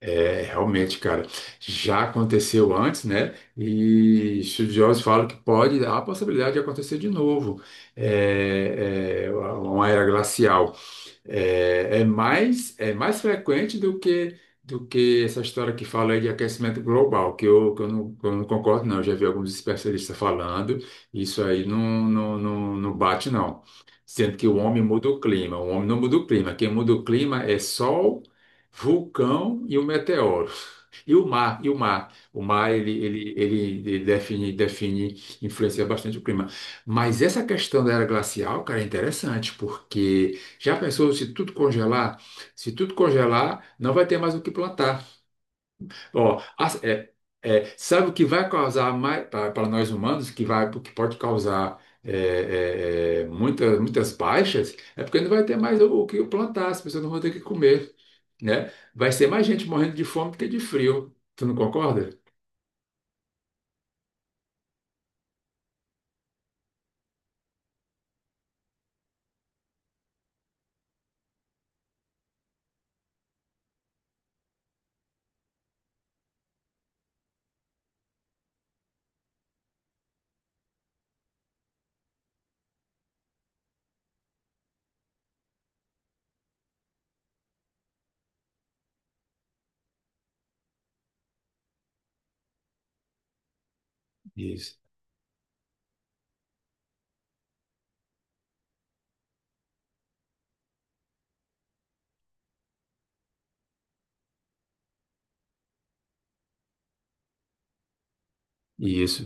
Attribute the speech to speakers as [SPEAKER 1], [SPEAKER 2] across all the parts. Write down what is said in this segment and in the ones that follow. [SPEAKER 1] É, realmente, cara, já aconteceu antes, né? E estudiosos falam que pode, há a possibilidade de acontecer de novo, uma era glacial. É, é mais frequente do que essa história que fala aí de aquecimento global, que eu não concordo, não. Eu já vi alguns especialistas falando, isso aí não, não bate, não. Sendo que o homem muda o clima, o homem não muda o clima. Quem muda o clima é sol, vulcão e o meteoro. E o mar, e o mar. O mar, ele define, define, influencia bastante o clima. Mas essa questão da era glacial, cara, é interessante, porque já pensou se tudo congelar? Se tudo congelar, não vai ter mais o que plantar. Ó, as- é- é, sabe o que vai causar mais para nós humanos, que vai, que pode causar muitas, muitas baixas? É porque não vai ter mais o que plantar, as pessoas não vão ter o que comer, né? Vai ser mais gente morrendo de fome do que de frio. Tu não concorda? Isso. Isso.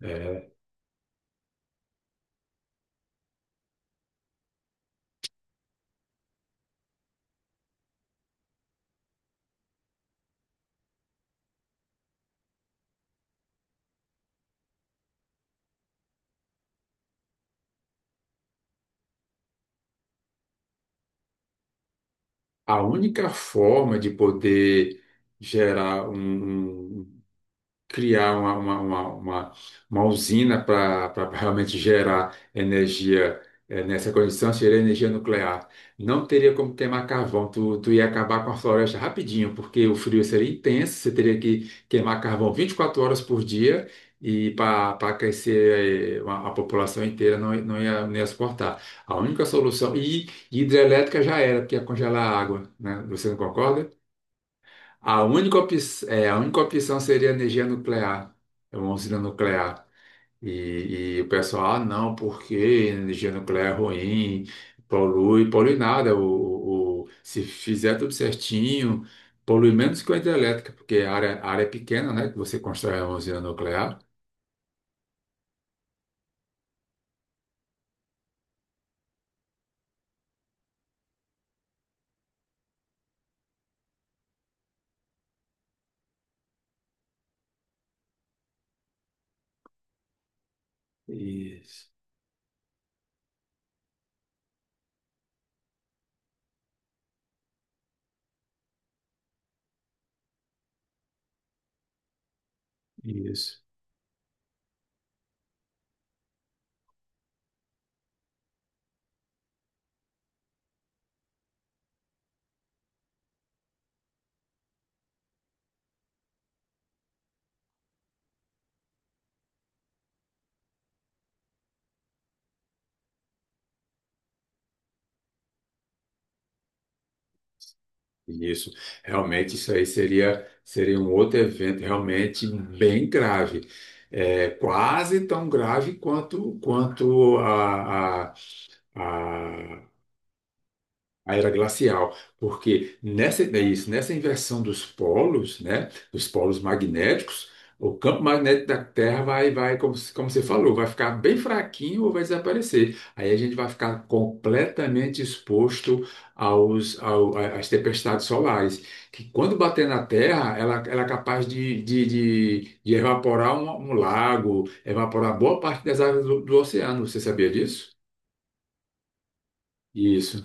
[SPEAKER 1] É. A única forma de poder gerar um, um, criar uma usina para realmente gerar energia nessa condição, seria energia nuclear. Não teria como queimar carvão, tu ia acabar com a floresta rapidinho, porque o frio seria intenso, você teria que queimar carvão 24 horas por dia. E para aquecer a população inteira não ia suportar. A única solução. E hidrelétrica já era, porque ia congelar a água, né? Você não concorda? A única, op- a única opção seria energia nuclear, é uma usina nuclear. E o pessoal, ah, não, porque energia nuclear é ruim, polui, polui nada. Se fizer tudo certinho, polui menos que a hidrelétrica, porque a área é pequena, né? Que você constrói uma usina nuclear. Isso. Isso. Isso, realmente isso aí seria um outro evento realmente bem grave, é, quase tão grave quanto a, a era glacial, porque nessa, é isso, nessa inversão dos polos, né, dos polos magnéticos, o campo magnético da Terra vai, vai como, se- como você falou, vai ficar bem fraquinho ou vai desaparecer. Aí a gente vai ficar completamente exposto às tempestades solares, que quando bater na Terra, ela é capaz de evaporar um lago, evaporar boa parte das águas do oceano. Você sabia disso? Isso.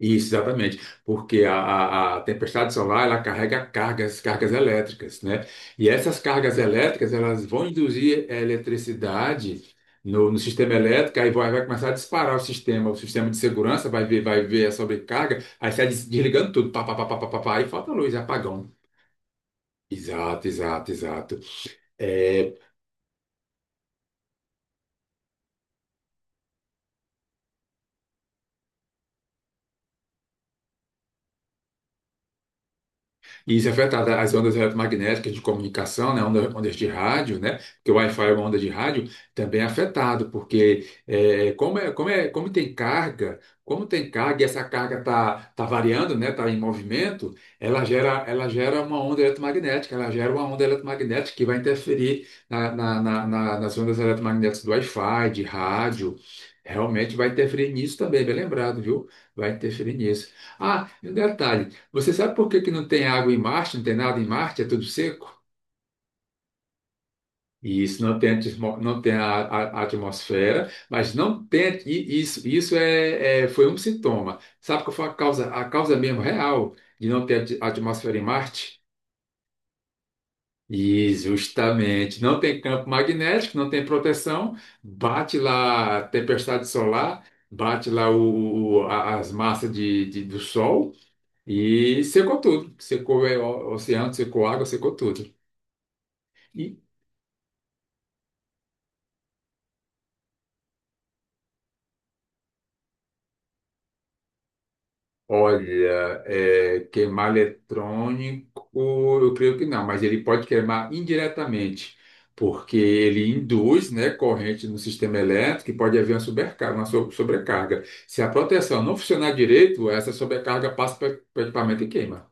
[SPEAKER 1] Isso, exatamente, porque a tempestade solar ela carrega cargas, cargas elétricas, né? E essas cargas elétricas elas vão induzir a eletricidade no sistema elétrico, aí vai começar a disparar o sistema de segurança vai ver a sobrecarga, aí sai desligando tudo, pá, pá, pá, pá, pá, pá, pá, aí falta luz, é apagão. Exato, exato, exato. É, E isso afeta as ondas eletromagnéticas de comunicação, né? Ondas de rádio, né? Porque o Wi-Fi é uma onda de rádio, também é afetado, porque como tem carga e essa carga está variando, né? Está em movimento, ela gera uma onda eletromagnética, ela gera uma onda eletromagnética que vai interferir nas ondas eletromagnéticas do Wi-Fi, de rádio. Realmente vai interferir nisso também, bem lembrado, viu? Vai interferir nisso. Ah, e um detalhe. Você sabe por que que não tem água em Marte, não tem nada em Marte, é tudo seco? Isso, não tem, não tem a atmosfera, mas não tem, e isso, foi um sintoma. Sabe qual foi a causa mesmo real de não ter atmosfera em Marte? E justamente, não tem campo magnético, não tem proteção, bate lá a tempestade solar, bate lá as massas do Sol e secou tudo. Secou é, o oceano, secou água, secou tudo. Olha, é, queimar eletrônico, eu creio que não, mas ele pode queimar indiretamente, porque ele induz, né, corrente no sistema elétrico e pode haver uma sobrecarga, sobrecarga. Se a proteção não funcionar direito, essa sobrecarga passa para o equipamento e queima.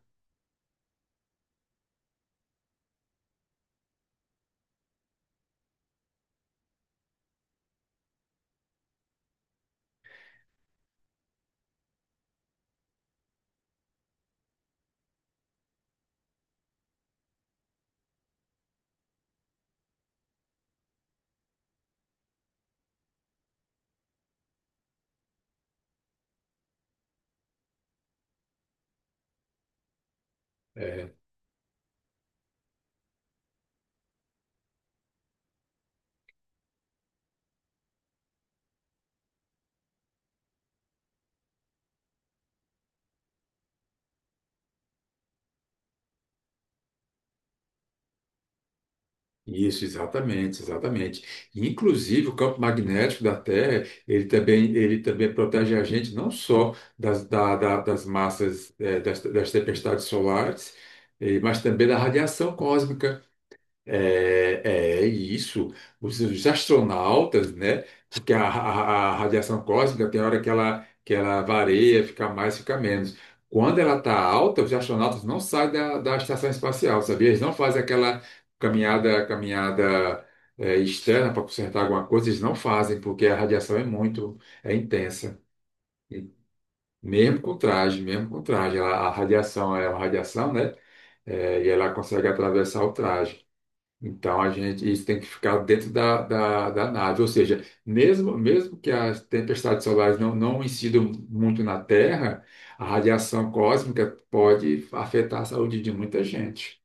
[SPEAKER 1] É, Isso, exatamente, exatamente. Inclusive, o campo magnético da Terra, ele também protege a gente não só das massas, das tempestades solares, mas também da radiação cósmica. É, é isso, os astronautas, né? Porque a radiação cósmica tem hora que ela varia, fica mais, fica menos. Quando ela está alta, os astronautas não saem da estação espacial, sabia? Eles não fazem aquela caminhada é, externa para consertar alguma coisa, eles não fazem, porque a radiação é muito, é intensa. E mesmo com traje, a radiação é uma radiação, né? É, e ela consegue atravessar o traje. Então a gente isso tem que ficar dentro da nave, ou seja, mesmo que as tempestades solares não incidam muito na Terra, a radiação cósmica pode afetar a saúde de muita gente.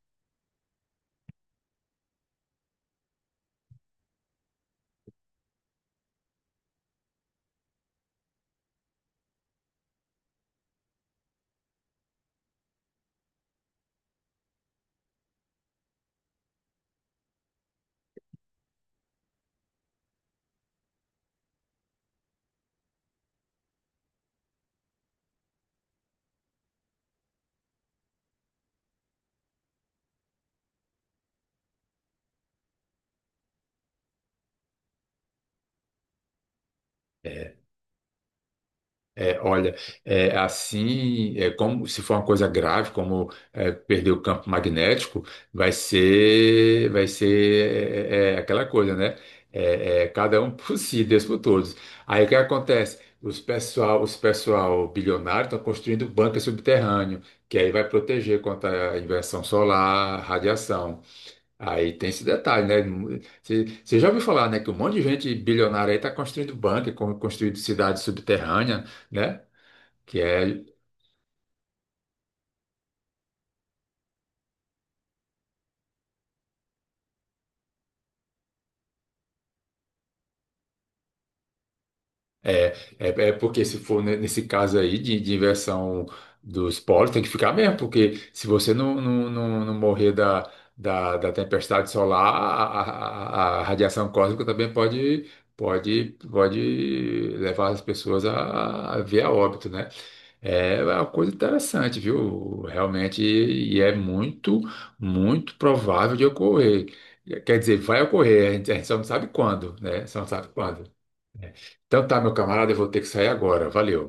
[SPEAKER 1] É, olha, é, assim, é, como se for uma coisa grave, como é, perder o campo magnético, vai ser é aquela coisa, né? É, é, cada um por si, Deus por todos. Aí o que acontece? Os pessoal bilionário estão construindo bunker subterrâneo, que aí vai proteger contra a inversão solar, radiação. Aí tem esse detalhe, né? Você já ouviu falar, né, que um monte de gente bilionária aí está construindo bunker, construindo cidade subterrânea, né? Que é, é, é, É porque se for nesse caso aí de inversão dos polos, tem que ficar mesmo, porque se você não morrer da tempestade solar, a radiação cósmica também pode, pode levar as pessoas a ver a óbito, né? É uma coisa interessante, viu? Realmente, e é muito, muito provável de ocorrer. Quer dizer, vai ocorrer, a gente só não sabe quando, né? Só não sabe quando. Então tá, meu camarada, eu vou ter que sair agora. Valeu.